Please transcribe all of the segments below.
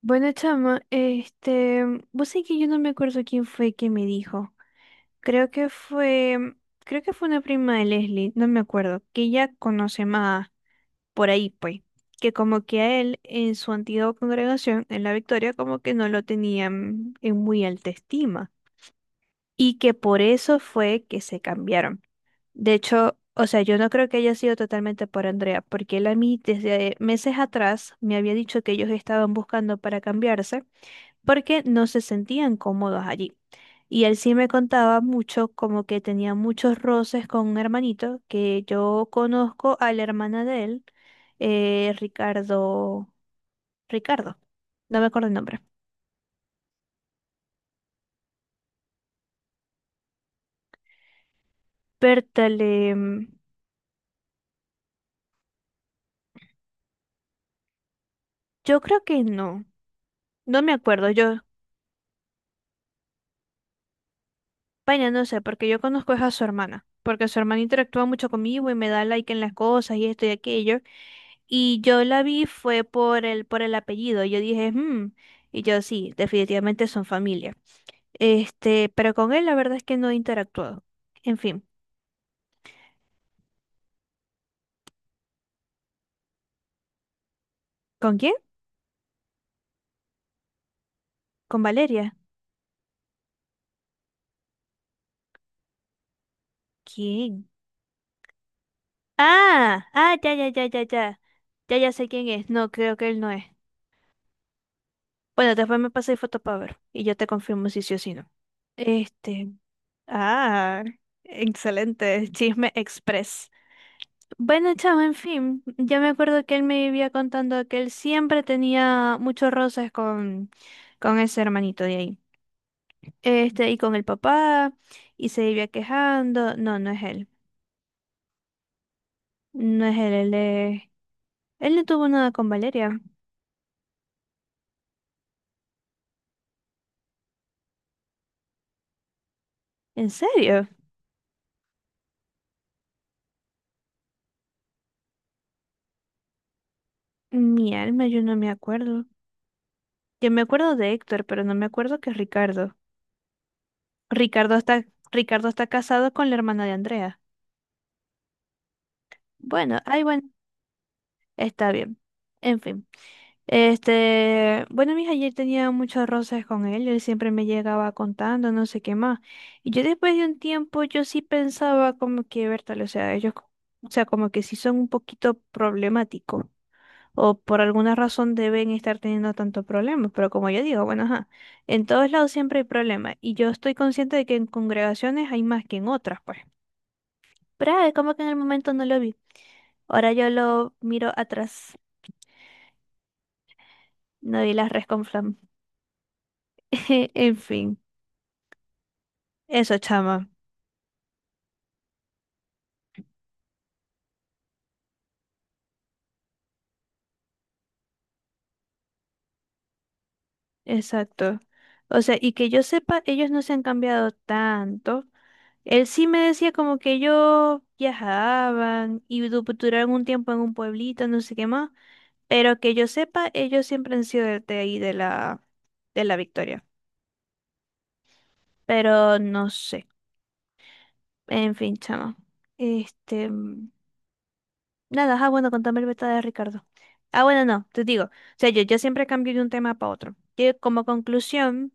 Bueno, chama, vos sabés que yo no me acuerdo quién fue que me dijo. Creo que fue, creo que fue una prima de Leslie, no me acuerdo, que ella conoce más por ahí, pues, que como que a él en su antigua congregación, en la Victoria, como que no lo tenían en muy alta estima y que por eso fue que se cambiaron. De hecho, o sea, yo no creo que haya sido totalmente por Andrea, porque él a mí desde meses atrás me había dicho que ellos estaban buscando para cambiarse porque no se sentían cómodos allí. Y él sí me contaba mucho, como que tenía muchos roces con un hermanito, que yo conozco a la hermana de él, eh, Ricardo, Ricardo, no me acuerdo el nombre. pértale mm, yo creo que no, no me acuerdo, yo. Vaya, no sé, porque yo conozco es a su hermana, porque su hermana interactúa mucho conmigo y me da like en las cosas y esto y aquello. Y yo la vi fue por el apellido. Yo dije, y yo sí, definitivamente son familia. Pero con él la verdad es que no he interactuado. En fin. ¿Con quién? ¿Con Valeria? ¿Quién? Ah, ah, ya, ya, ya, ya, ya. Ya, ya sé quién es. No, creo que él no es. Bueno, después me pasé foto para ver. Y yo te confirmo si sí o si no. Este. Ah, excelente. Chisme Express. Bueno, chamo, en fin, yo me acuerdo que él me vivía contando que él siempre tenía muchos roces con ese hermanito de ahí. Y con el papá, y se vivía quejando. No, no es él. No es él, él no tuvo nada con Valeria. ¿En serio? Mi alma, yo no me acuerdo. Yo me acuerdo de Héctor, pero no me acuerdo que es Ricardo. Ricardo está, Ricardo está casado con la hermana de Andrea. Bueno, ay, bueno. Está bien. En fin. Bueno, mis ayer tenía muchos roces con él, él siempre me llegaba contando, no sé qué más. Y yo después de un tiempo, yo sí pensaba como que, Bertal, o sea, o sea, como que sí son un poquito problemáticos. O por alguna razón deben estar teniendo tantos problemas. Pero como yo digo, bueno, ajá, en todos lados siempre hay problemas. Y yo estoy consciente de que en congregaciones hay más que en otras, pues. Pero es como que en el momento no lo vi. Ahora yo lo miro atrás. No di las res con flan. En fin, eso, chama. Exacto. O sea, y que yo sepa, ellos no se han cambiado tanto. Él sí me decía como que ellos viajaban y duraron un tiempo en un pueblito, no sé qué más. Pero que yo sepa, ellos siempre han sido de ahí, de la Victoria. Pero no sé. En fin, chama. Este. mm, Nada, bueno, contame el beta de Ricardo. Ah, bueno, no, te digo. O sea, yo siempre cambio de un tema para otro. Que como conclusión,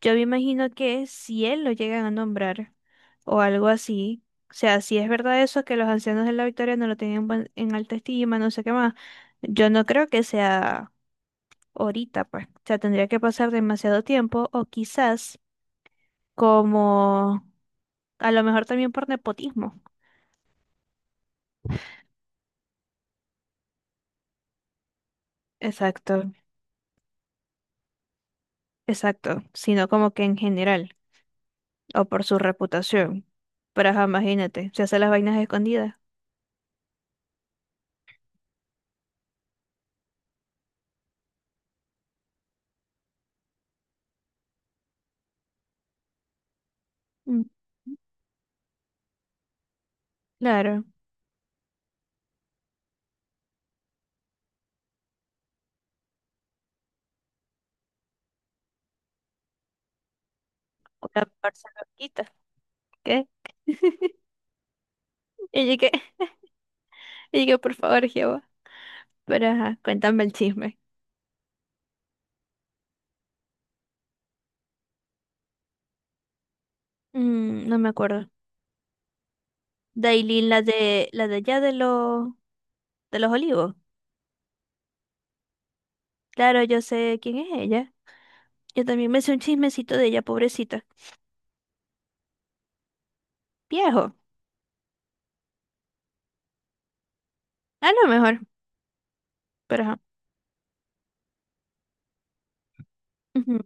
yo me imagino que si él lo llegan a nombrar o algo así, o sea, si es verdad eso, que los ancianos de la Victoria no lo tenían en alta estima, no sé qué más, yo no creo que sea ahorita, pues. O sea, tendría que pasar demasiado tiempo o quizás como a lo mejor también por nepotismo. Exacto, exacto, sino como que en general, o por su reputación. Pero ajá, imagínate, se hace las vainas escondidas. Mm, Claro, una parce loquita. ¿Qué? Y yo que, y yo, por favor, Jehová. Pero ajá, cuéntame el chisme. Mm, no me acuerdo. Dailin, la de allá de los olivos. Claro, yo sé quién es ella. Yo también me sé un chismecito de ella, pobrecita. Viejo. A lo mejor, pero ajá. Ujú.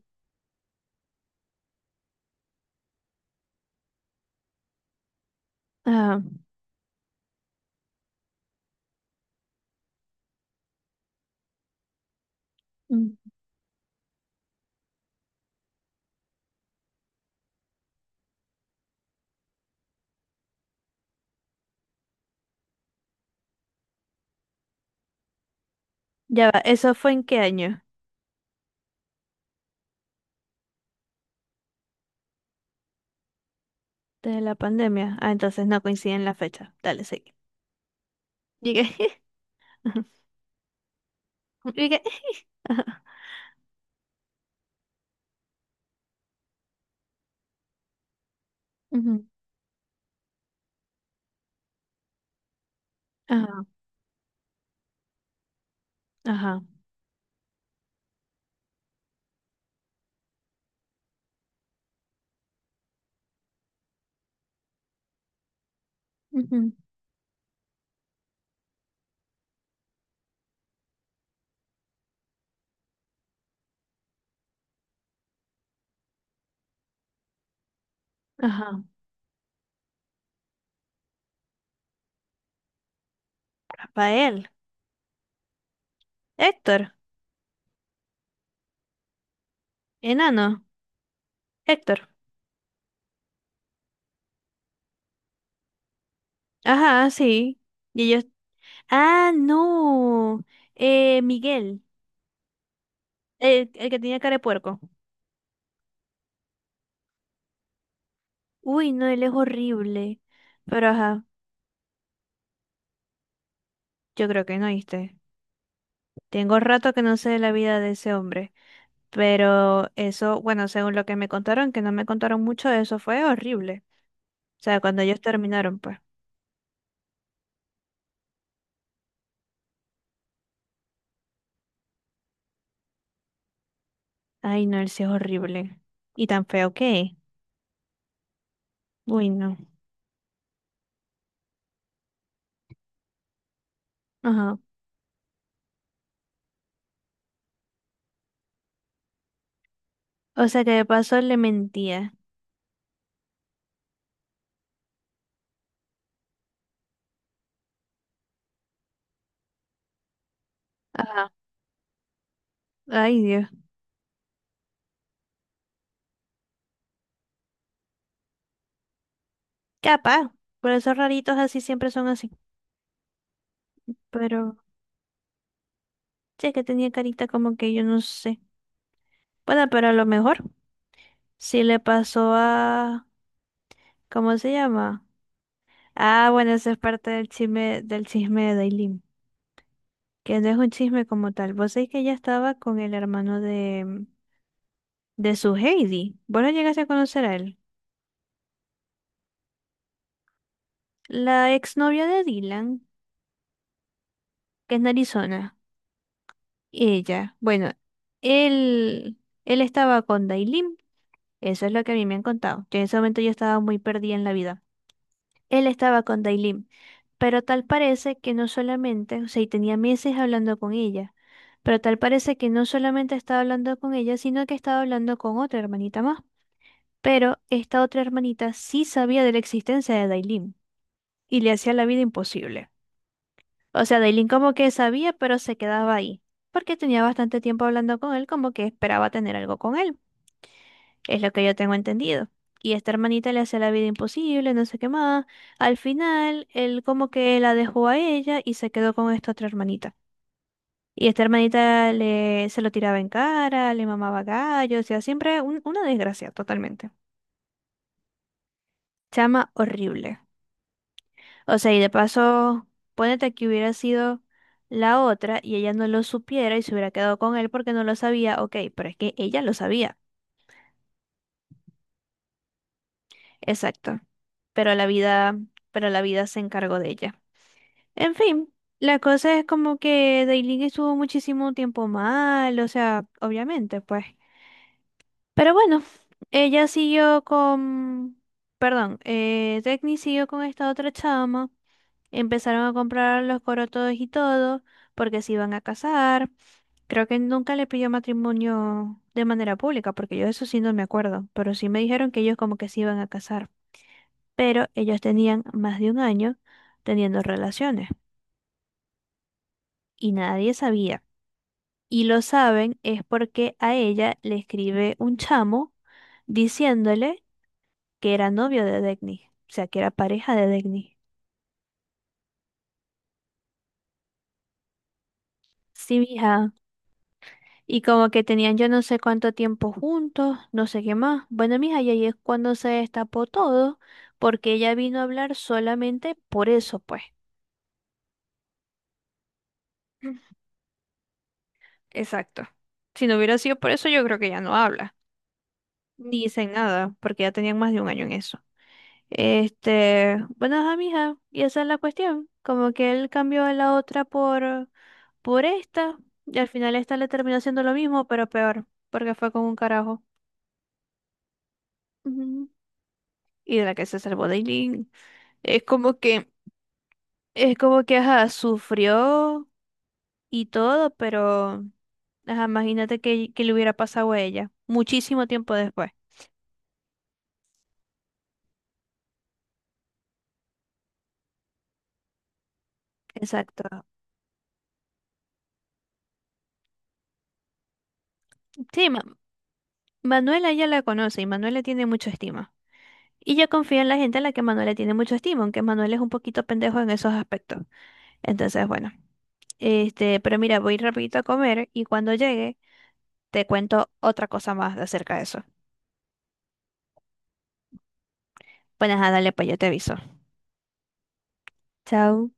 Ajá. Mm. Ya va, ¿eso fue en qué año? De la pandemia. Ah, entonces no coinciden la fecha. Dale, sí. Llegué. Ajá. Llegué. Ajá. Ujú. Ajá. Ajá. Ujú. Ajá. Rafael. Héctor. Enano. Héctor. Ajá, sí. Y ellos. Ah, no. Miguel. El que tenía cara de puerco. Uy, no, él es horrible. Pero ajá, yo creo que no oíste. Tengo rato que no sé de la vida de ese hombre. Pero eso, bueno, según lo que me contaron, que no me contaron mucho, eso fue horrible. O sea, cuando ellos terminaron, pues. Ay, no, él sí es horrible. Y tan feo que es. Uy, no. Ajá. O sea que de paso le mentía. Ajá. Ay, Dios. Capaz. Por esos raritos así siempre son así. Pero, che, que tenía carita como que yo no sé. Bueno, pero a lo mejor. Sí le pasó a. ¿Cómo se llama? Ah, bueno, esa es parte del chisme de Dailin. Que no es un chisme como tal. Vos sabés que ella estaba con el hermano de su Heidi. ¿Vos lo llegaste a conocer a él? La exnovia de Dylan, que es de Arizona, ella, bueno, él, él estaba con Dailin, eso es lo que a mí me han contado. Yo en ese momento yo estaba muy perdida en la vida. Él estaba con Dailin, pero tal parece que no solamente, o sea, y tenía meses hablando con ella, pero tal parece que no solamente estaba hablando con ella, sino que estaba hablando con otra hermanita más. Pero esta otra hermanita sí sabía de la existencia de Dailin y le hacía la vida imposible. O sea, Dailin como que sabía, pero se quedaba ahí, porque tenía bastante tiempo hablando con él, como que esperaba tener algo con él, es lo que yo tengo entendido. Y esta hermanita le hace la vida imposible, no sé qué más. Al final, él como que la dejó a ella y se quedó con esta otra hermanita. Y esta hermanita le, se lo tiraba en cara, le mamaba gallo, o sea, siempre una desgracia totalmente. Chama horrible. O sea, y de paso, ponete que hubiera sido la otra y ella no lo supiera y se hubiera quedado con él porque no lo sabía, ok, pero es que ella lo sabía. Exacto. Pero la vida, pero la vida se encargó de ella. En fin, la cosa es como que Dailin estuvo muchísimo tiempo mal, o sea, obviamente, pues. Pero bueno, ella siguió con, perdón, Dagny siguió con esta otra chama. Empezaron a comprar los corotos y todo, porque se iban a casar. Creo que nunca le pidió matrimonio de manera pública, porque yo eso sí no me acuerdo, pero sí me dijeron que ellos como que se iban a casar. Pero ellos tenían más de un año teniendo relaciones y nadie sabía. Y lo saben es porque a ella le escribe un chamo diciéndole que era novio de Degni, o sea, que era pareja de Degni. Sí, mija, y como que tenían yo no sé cuánto tiempo juntos, no sé qué más. Bueno, mija, y ahí es cuando se destapó todo, porque ella vino a hablar solamente por eso, pues. Mm. Exacto. Si no hubiera sido por eso, yo creo que ya no habla. Ni dicen nada, porque ya tenían más de un año en eso. Bueno, ajá, mija, y esa es la cuestión. Como que él cambió a la otra por esta, y al final esta le terminó haciendo lo mismo, pero peor, porque fue con un carajo. Ujú. Y de la que se salvó Dailin. Es como que, es como que, ajá, sufrió y todo, pero, ajá, imagínate que le hubiera pasado a ella muchísimo tiempo después. Exacto. Sí, Manuela ya la conoce y Manuela tiene mucha estima. Y yo confío en la gente a la que Manuela tiene mucha estima, aunque Manuel es un poquito pendejo en esos aspectos. Entonces, bueno, pero mira, voy rapidito a comer y cuando llegue te cuento otra cosa más acerca de eso. Bueno, ajá, dale, pues yo te aviso. Chao.